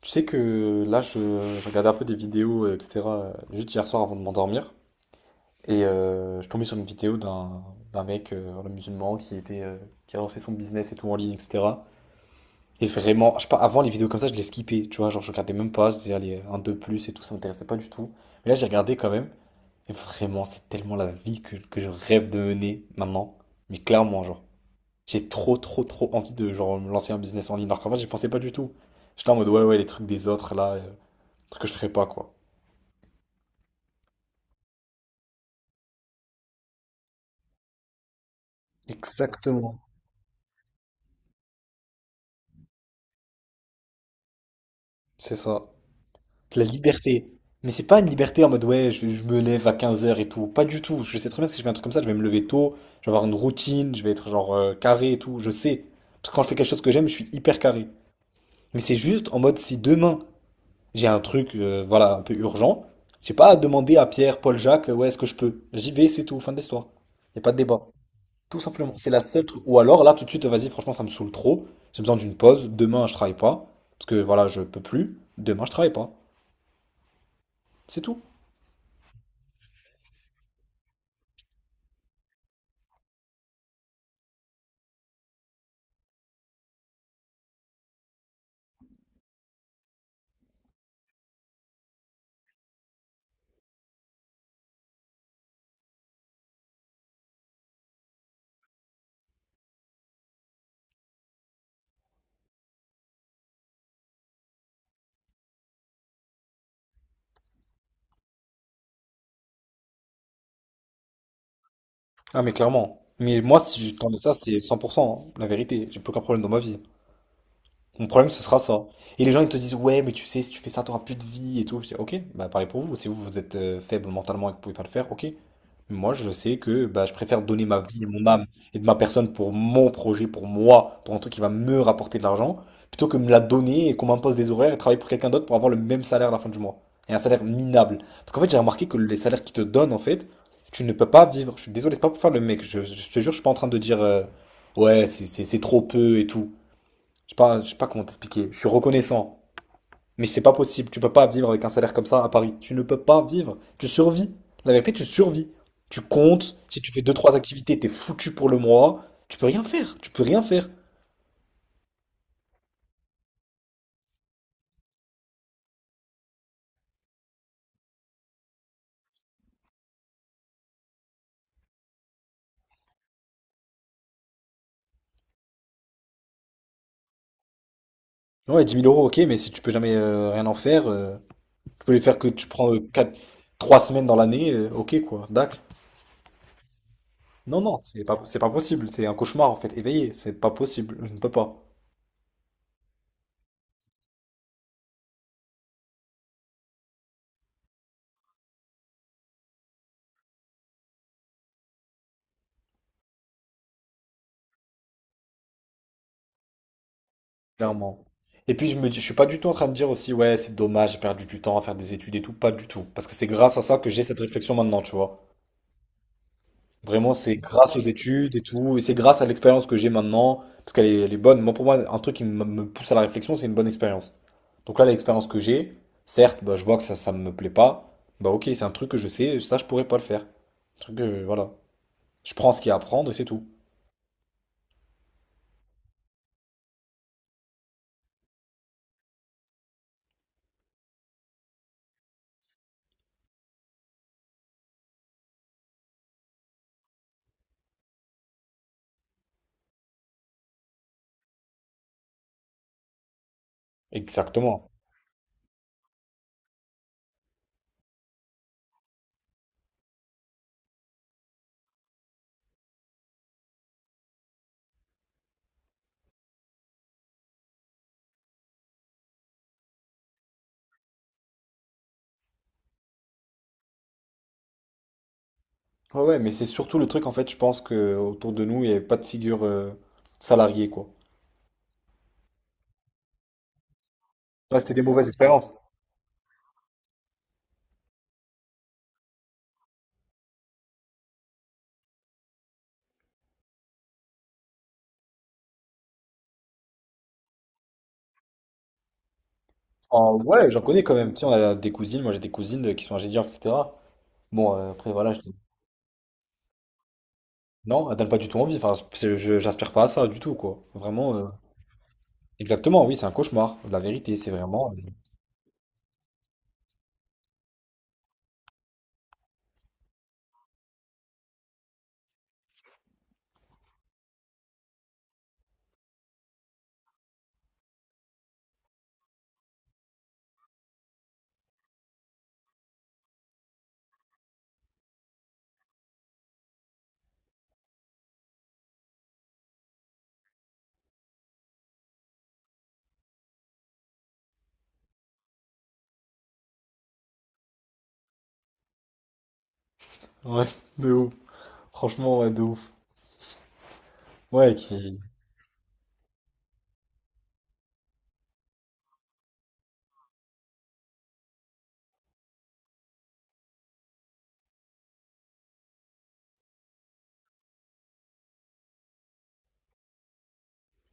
Tu sais que là, je regardais un peu des vidéos, etc., juste hier soir avant de m'endormir. Et je tombais sur une vidéo d'un mec, un musulman, qui était, qui a lancé son business et tout en ligne, etc. Et vraiment, je sais pas, avant, les vidéos comme ça, je les skippais, tu vois, genre je regardais même pas, je disais, allez, un, deux plus et tout, ça m'intéressait pas du tout. Mais là, j'ai regardé quand même. Et vraiment, c'est tellement la vie que je rêve de mener maintenant. Mais clairement, genre, j'ai trop, trop, trop envie de, genre, me lancer un business en ligne. Alors qu'en fait, j'y pensais pas du tout. J'étais là en mode, ouais, ouais, les trucs des autres, là, truc que je ferais pas, quoi. Exactement. C'est ça. La liberté. Mais c'est pas une liberté en mode ouais, je me lève à 15 heures et tout. Pas du tout. Je sais très bien que si je fais un truc comme ça, je vais me lever tôt, je vais avoir une routine, je vais être genre carré et tout. Je sais. Parce que quand je fais quelque chose que j'aime, je suis hyper carré. Mais c'est juste en mode si demain j'ai un truc, voilà, un peu urgent, j'ai pas à demander à Pierre, Paul, Jacques, ouais, est-ce que je peux? J'y vais, c'est tout, fin de l'histoire. Y a pas de débat. Tout simplement. C'est la seule truc. Ou alors, là, tout de suite, vas-y, franchement, ça me saoule trop. J'ai besoin d'une pause. Demain, je travaille pas. Parce que voilà, je peux plus. Demain, je travaille pas. C'est tout. Ah, mais clairement. Mais moi, si je t'en ai ça, c'est 100%, hein, la vérité. J'ai plus aucun problème dans ma vie. Mon problème, ce sera ça. Et les gens, ils te disent, ouais, mais tu sais, si tu fais ça, t'auras plus de vie et tout. Je dis, ok, bah parlez pour vous. Si vous, vous êtes faible mentalement et que vous pouvez pas le faire, ok. Mais moi, je sais que bah, je préfère donner ma vie et mon âme et de ma personne pour mon projet, pour moi, pour un truc qui va me rapporter de l'argent, plutôt que me la donner et qu'on m'impose des horaires et travailler pour quelqu'un d'autre pour avoir le même salaire à la fin du mois. Et un salaire minable. Parce qu'en fait, j'ai remarqué que les salaires qu'ils te donnent, en fait, tu ne peux pas vivre. Je suis désolé, c'est pas pour faire le mec. Je te jure, je suis pas en train de dire, ouais, c'est trop peu et tout. Je sais pas comment t'expliquer. Je suis reconnaissant. Mais c'est pas possible. Tu peux pas vivre avec un salaire comme ça à Paris. Tu ne peux pas vivre. Tu survis. La vérité, tu survis. Tu comptes. Si tu fais deux, trois activités, t'es foutu pour le mois. Tu peux rien faire. Tu peux rien faire. Ouais, 10 000 euros, ok, mais si tu peux jamais rien en faire, tu peux les faire que tu prends 4, 3 semaines dans l'année, ok quoi, d'accord. Non, non, c'est pas possible. C'est un cauchemar en fait, éveillé. C'est pas possible. Je ne peux pas. Clairement. Et puis je me dis, je suis pas du tout en train de dire aussi, ouais, c'est dommage, j'ai perdu du temps à faire des études et tout, pas du tout. Parce que c'est grâce à ça que j'ai cette réflexion maintenant, tu vois. Vraiment, c'est grâce aux études et tout, et c'est grâce à l'expérience que j'ai maintenant, parce qu'elle est bonne. Moi, pour moi, un truc qui me pousse à la réflexion, c'est une bonne expérience. Donc là, l'expérience que j'ai, certes, bah, je vois que ça me plaît pas, bah ok, c'est un truc que je sais, ça, je pourrais pas le faire. Un truc que, voilà. Je prends ce qu'il y a à prendre et c'est tout. Exactement. Ouais, ouais, mais c'est surtout le truc, en fait, je pense que autour de nous, il n'y avait pas de figure salariée, quoi. Ouais, c'était des mauvaises expériences. Ouais, j'en connais quand même. Tu sais, on a des cousines, moi j'ai des cousines qui sont ingénieurs, etc. Bon, après, voilà, non, elles donnent pas du tout envie. Enfin, j'aspire pas à ça du tout, quoi. Vraiment, exactement, oui, c'est un cauchemar. La vérité, c'est vraiment. Ouais, de ouf. Franchement, ouais, de ouf. Ouais, qui...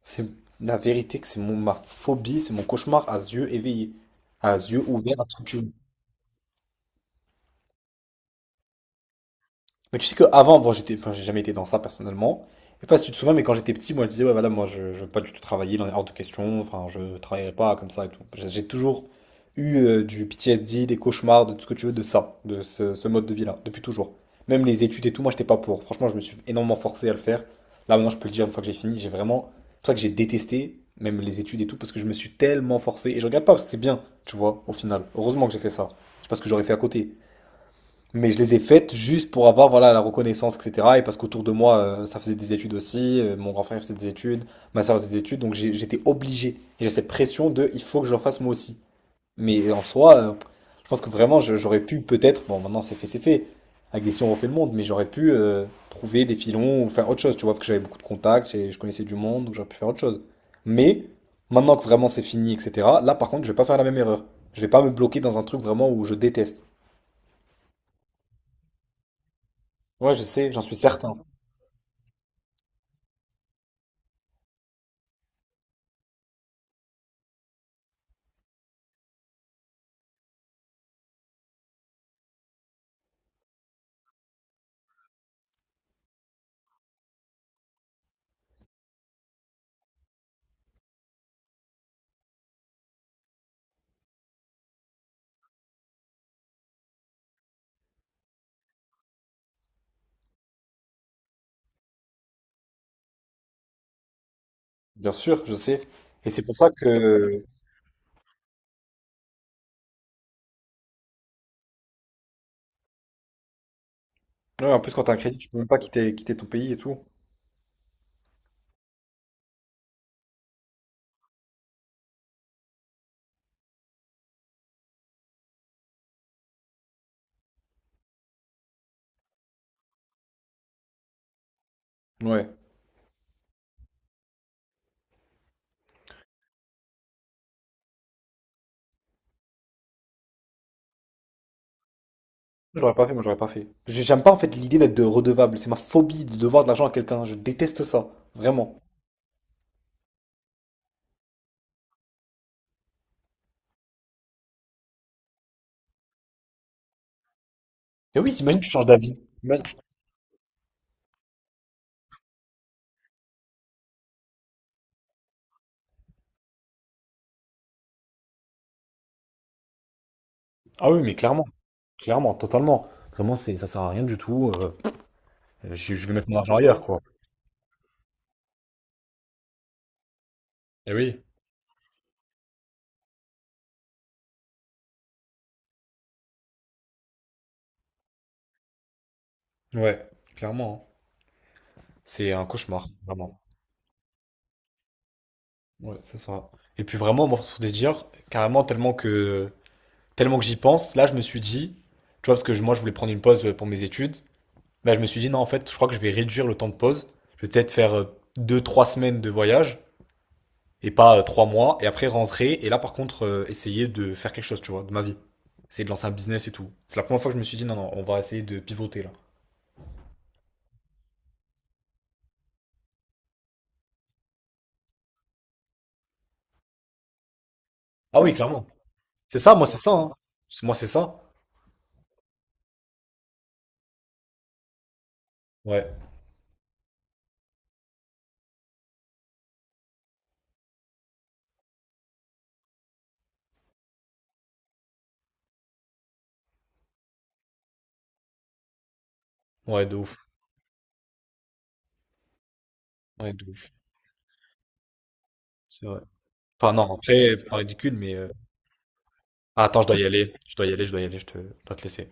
C'est la vérité que c'est ma phobie, c'est mon cauchemar à yeux éveillés. À yeux ouverts, à tout. Mais tu sais qu'avant, bon, j'étais, enfin, j'ai jamais été dans ça personnellement. Je sais pas si tu te souviens, mais quand j'étais petit, moi, je disais, ouais, voilà, moi, je veux pas du tout travailler, dans est hors de question, enfin, je travaillerai pas comme ça et tout. J'ai toujours eu du PTSD, des cauchemars, de tout ce que tu veux, de ça, de ce, ce mode de vie-là, depuis toujours. Même les études et tout, moi, j'étais pas pour. Franchement, je me suis énormément forcé à le faire. Là, maintenant, je peux le dire, une fois que j'ai fini, j'ai vraiment. C'est pour ça que j'ai détesté, même les études et tout, parce que je me suis tellement forcé. Et je regarde pas, parce que c'est bien, tu vois, au final. Heureusement que j'ai fait ça. Je sais pas ce que j'aurais fait à côté. Mais je les ai faites juste pour avoir voilà, la reconnaissance, etc. Et parce qu'autour de moi, ça faisait des études aussi. Mon grand frère faisait des études, ma soeur faisait des études. Donc j'étais obligé. Et j'ai cette pression de il faut que je le fasse moi aussi. Mais en soi, je pense que vraiment, j'aurais pu peut-être. Bon, maintenant c'est fait, c'est fait. Avec des si on refait le monde. Mais j'aurais pu trouver des filons ou faire autre chose. Tu vois, parce que j'avais beaucoup de contacts et je connaissais du monde. Donc j'aurais pu faire autre chose. Mais maintenant que vraiment c'est fini, etc. Là, par contre, je vais pas faire la même erreur. Je vais pas me bloquer dans un truc vraiment où je déteste. Ouais, je sais, j'en suis certain. Bien sûr, je sais. Et c'est pour ça que... Ouais, en plus, quand t'as un crédit, tu peux même pas quitter, quitter ton pays et tout. Ouais. J'aurais pas fait, moi j'aurais pas fait. J'aime pas en fait l'idée d'être de redevable. C'est ma phobie de devoir de l'argent à quelqu'un. Je déteste ça. Vraiment. Et oui, t'imagines, tu changes d'avis. Ima- Ah oui, mais clairement. Clairement, totalement. Vraiment, c'est, ça sert à rien du tout. Je vais mettre mon argent ailleurs, quoi. Eh oui. Ouais, clairement. Hein. C'est un cauchemar, vraiment. Ouais, c'est ça. Et puis vraiment, moi, pour te dire, carrément tellement que j'y pense, là, je me suis dit, tu vois, parce que moi, je voulais prendre une pause pour mes études. Là, je me suis dit, non, en fait, je crois que je vais réduire le temps de pause. Je vais peut-être faire deux trois semaines de voyage et pas 3 mois, et après rentrer. Et là, par contre, essayer de faire quelque chose, tu vois, de ma vie. Essayer de lancer un business et tout. C'est la première fois que je me suis dit, non, non, on va essayer de pivoter là. Ah oui, clairement. C'est ça, moi, c'est ça. Hein. Moi, c'est ça. Ouais, ouais, de ouf. Ouais, de ouf. C'est vrai. Enfin, non, après, pas ridicule, mais. Ah, attends, je dois y aller. Je dois y aller, je dois y aller, je dois te laisser.